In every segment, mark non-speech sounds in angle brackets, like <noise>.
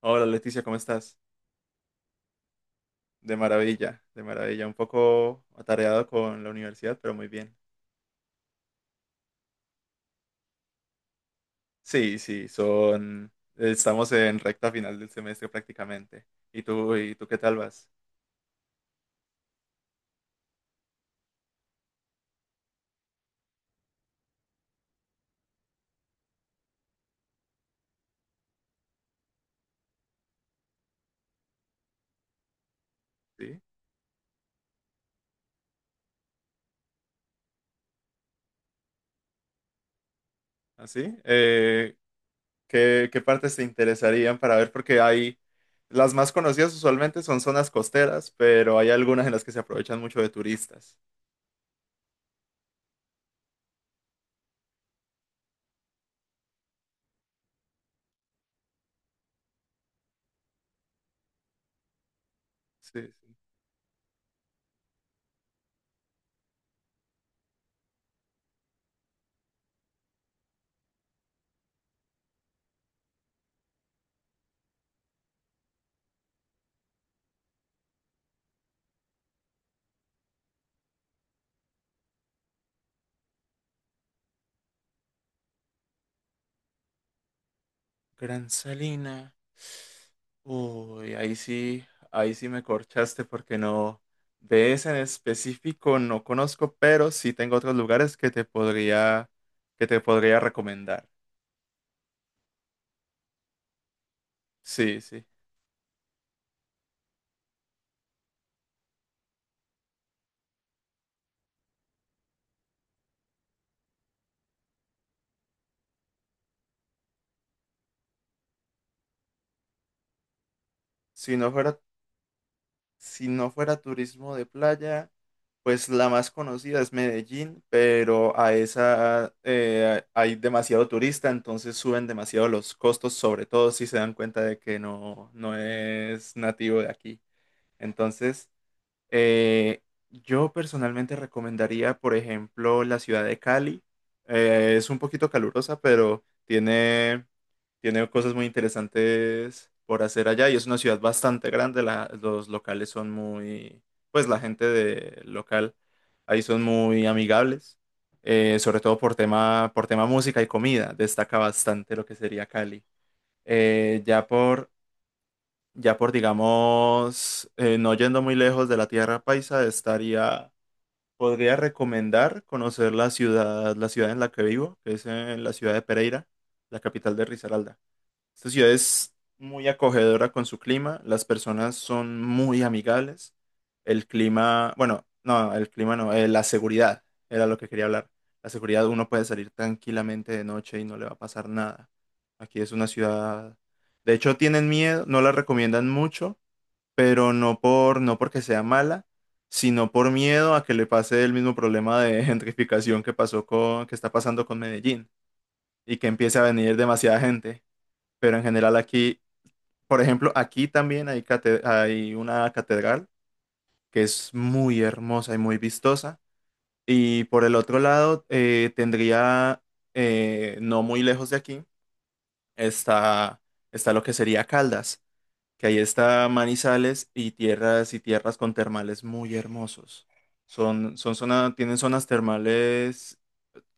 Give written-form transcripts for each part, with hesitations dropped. Hola Leticia, ¿cómo estás? De maravilla, de maravilla. Un poco atareado con la universidad, pero muy bien. Sí, sí, estamos en recta final del semestre prácticamente. ¿Y tú qué tal vas? ¿Sí? ¿Así? ¿Qué partes te interesarían para ver? Porque hay... Las más conocidas usualmente son zonas costeras, pero hay algunas en las que se aprovechan mucho de turistas. Sí. Sí. Gran Salina. Uy, ahí sí me corchaste, porque no, de ese en específico no conozco, pero sí tengo otros lugares que te podría recomendar. Sí, sí. Si no fuera, si no fuera turismo de playa, pues la más conocida es Medellín, pero a esa hay demasiado turista, entonces suben demasiado los costos, sobre todo si se dan cuenta de que no, no es nativo de aquí. Entonces, eh, yo personalmente recomendaría, por ejemplo, la ciudad de Cali. Es un poquito calurosa, pero tiene cosas muy interesantes por hacer allá, y es una ciudad bastante grande. Los locales son muy, pues la gente de local ahí son muy amigables, sobre todo por tema música y comida. Destaca bastante lo que sería Cali. Eh, ya por ya por, digamos, no yendo muy lejos de la tierra paisa, estaría, podría recomendar conocer la ciudad en la que vivo, que es en la ciudad de Pereira, la capital de Risaralda. Esta ciudad es muy acogedora con su clima, las personas son muy amigables. El clima, bueno, no, el clima no, la seguridad era lo que quería hablar. La seguridad, uno puede salir tranquilamente de noche y no le va a pasar nada. Aquí es una ciudad, de hecho tienen miedo, no la recomiendan mucho, pero no porque sea mala, sino por miedo a que le pase el mismo problema de <laughs> gentrificación que está pasando con Medellín, y que empiece a venir demasiada gente. Pero en general aquí, por ejemplo, aquí también hay una catedral que es muy hermosa y muy vistosa. Y por el otro lado, tendría, no muy lejos de aquí, está, está lo que sería Caldas, que ahí está Manizales, y tierras con termales muy hermosos. Tienen zonas termales,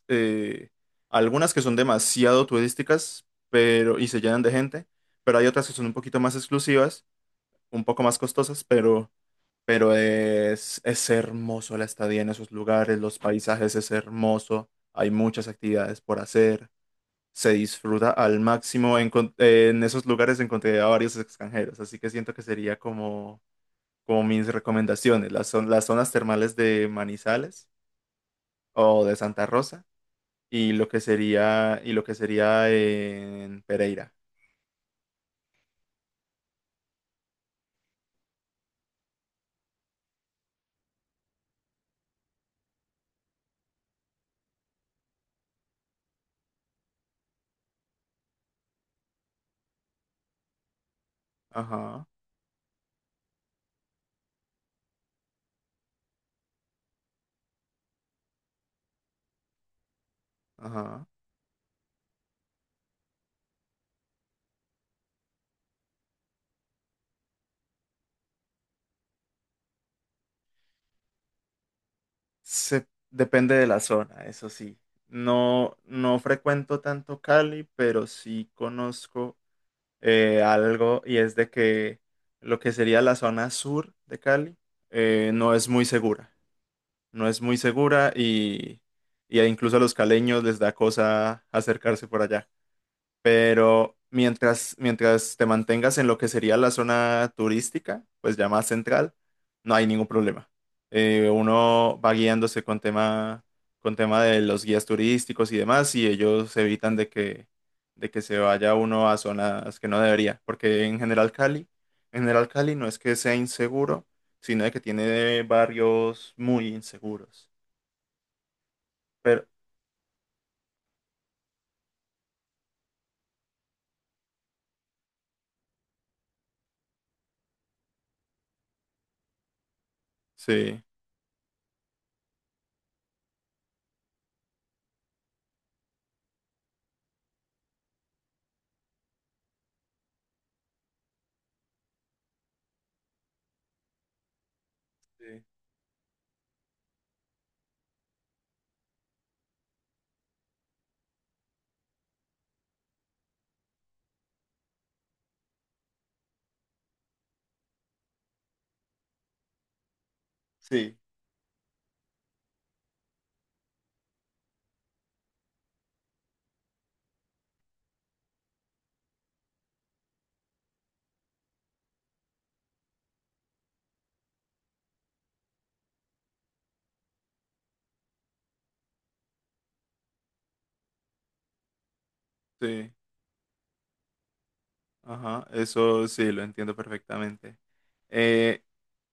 eh, algunas que son demasiado turísticas, pero, y se llenan de gente, pero hay otras que son un poquito más exclusivas, un poco más costosas, pero es hermoso la estadía en esos lugares, los paisajes es hermoso, hay muchas actividades por hacer, se disfruta al máximo. En esos lugares encontré a varios extranjeros, así que siento que sería como mis recomendaciones, las zonas termales de Manizales o de Santa Rosa, y lo que sería en Pereira. Ajá, ajá. Depende de la zona, eso sí. No, no frecuento tanto Cali, pero sí conozco algo, y es de que lo que sería la zona sur de Cali no es muy segura. No es muy segura, y incluso a los caleños les da cosa acercarse por allá. Pero mientras te mantengas en lo que sería la zona turística, pues ya más central, no hay ningún problema. Uno va guiándose con tema, de los guías turísticos y demás, y ellos evitan de que, se vaya uno a zonas que no debería, porque en general Cali, no es que sea inseguro, sino de que tiene barrios muy inseguros. Pero sí, sí, sí. Sí. Ajá, eso sí, lo entiendo perfectamente. Eh,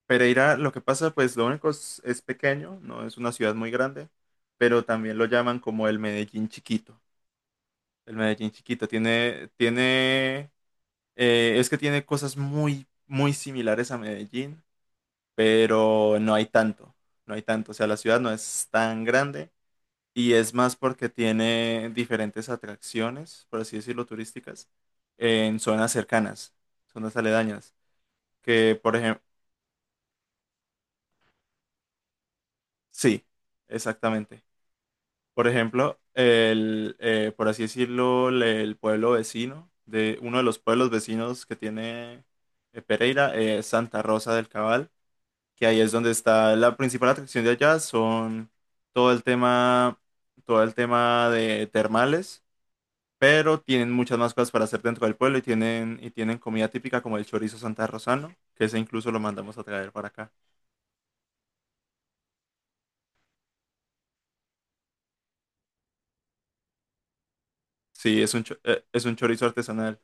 Pereira, lo que pasa, pues lo único es pequeño, no es una ciudad muy grande, pero también lo llaman como el Medellín chiquito. El Medellín chiquito es que tiene cosas muy, muy similares a Medellín, pero no hay tanto, no hay tanto. O sea, la ciudad no es tan grande, y es más porque tiene diferentes atracciones, por así decirlo, turísticas, en zonas cercanas, zonas aledañas que, por ejemplo, sí, exactamente. Por ejemplo, por así decirlo, el pueblo vecino, de uno de los pueblos vecinos que tiene Pereira, es Santa Rosa del Cabal, que ahí es donde está la principal atracción de allá, son todo el tema, todo el tema de termales, pero tienen muchas más cosas para hacer dentro del pueblo, y tienen comida típica como el chorizo Santa Rosano, que ese incluso lo mandamos a traer para acá. Sí, es un chorizo artesanal.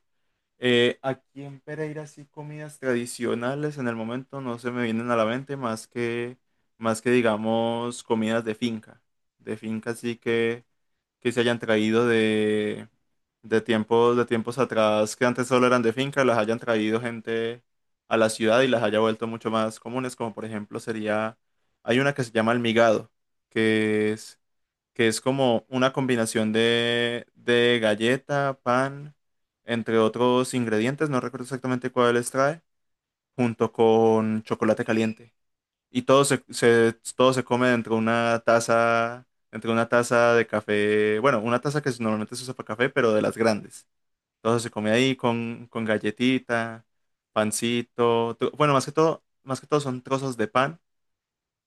Aquí en Pereira sí, comidas tradicionales en el momento no se me vienen a la mente más que, digamos comidas de finca. De finca, sí, que se hayan traído de tiempos atrás, que antes solo eran de finca, las hayan traído gente a la ciudad y las haya vuelto mucho más comunes, como por ejemplo sería, hay una que se llama almigado, que es que es como una combinación de galleta, pan, entre otros ingredientes, no recuerdo exactamente cuáles trae, junto con chocolate caliente. Y todo todo se come dentro de una taza, entre una taza de café, bueno, una taza que normalmente se usa para café, pero de las grandes. Todo se come ahí con galletita, pancito, bueno, más que todo son trozos de pan,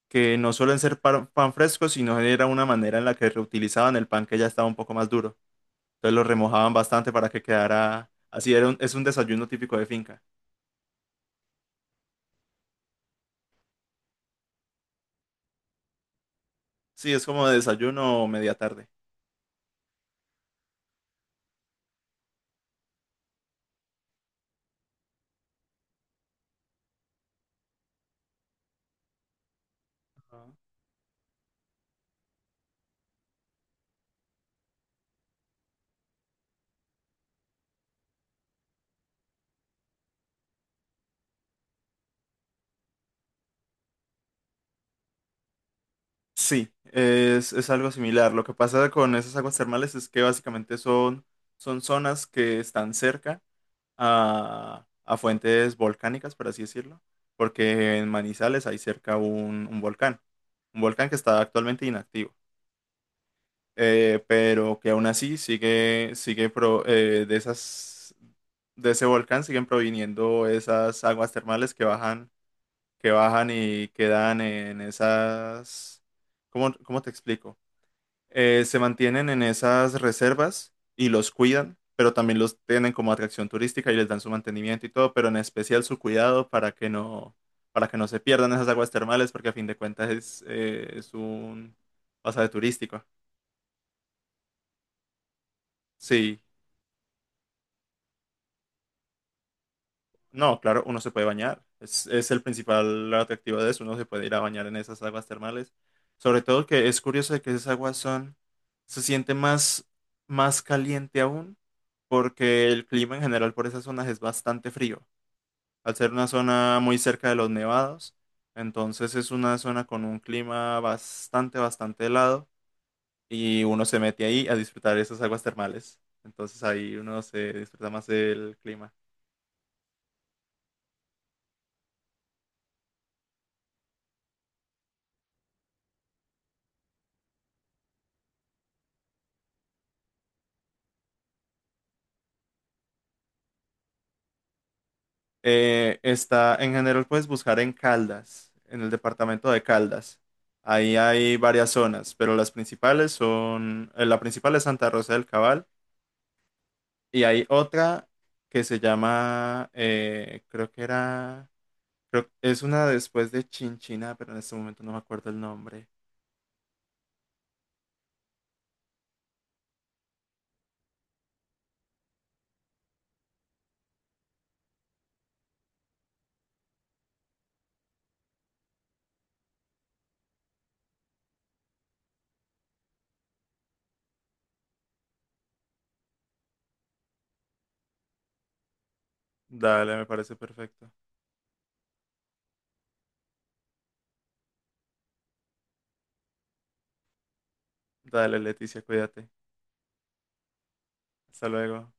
que no suelen ser pan, pan fresco, sino era una manera en la que reutilizaban el pan que ya estaba un poco más duro. Entonces lo remojaban bastante para que quedara así. Es un desayuno típico de finca. Sí, es como desayuno o media tarde. Ajá. Sí, es algo similar. Lo que pasa con esas aguas termales es que básicamente son zonas que están cerca a fuentes volcánicas, por así decirlo, porque en Manizales hay cerca un volcán, un volcán que está actualmente inactivo. Pero que aún así sigue. De ese volcán siguen proviniendo esas aguas termales que bajan y quedan en esas, ¿cómo te explico? Se mantienen en esas reservas y los cuidan, pero también los tienen como atracción turística y les dan su mantenimiento y todo, pero en especial su cuidado para que no, se pierdan esas aguas termales, porque a fin de cuentas es un pasaje turístico. Sí. No, claro, uno se puede bañar. Es el principal atractivo de eso. Uno se puede ir a bañar en esas aguas termales. Sobre todo que es curioso de que esas aguas se siente más, más caliente aún, porque el clima en general por esas zonas es bastante frío. Al ser una zona muy cerca de los nevados, entonces es una zona con un clima bastante, bastante helado, y uno se mete ahí a disfrutar esas aguas termales. Entonces ahí uno se disfruta más del clima. Está en general, puedes buscar en Caldas, en el departamento de Caldas. Ahí hay varias zonas, pero las principales la principal es Santa Rosa del Cabal, y hay otra que se llama, creo, es una después de Chinchina, pero en este momento no me acuerdo el nombre. Dale, me parece perfecto. Dale, Leticia, cuídate. Hasta luego.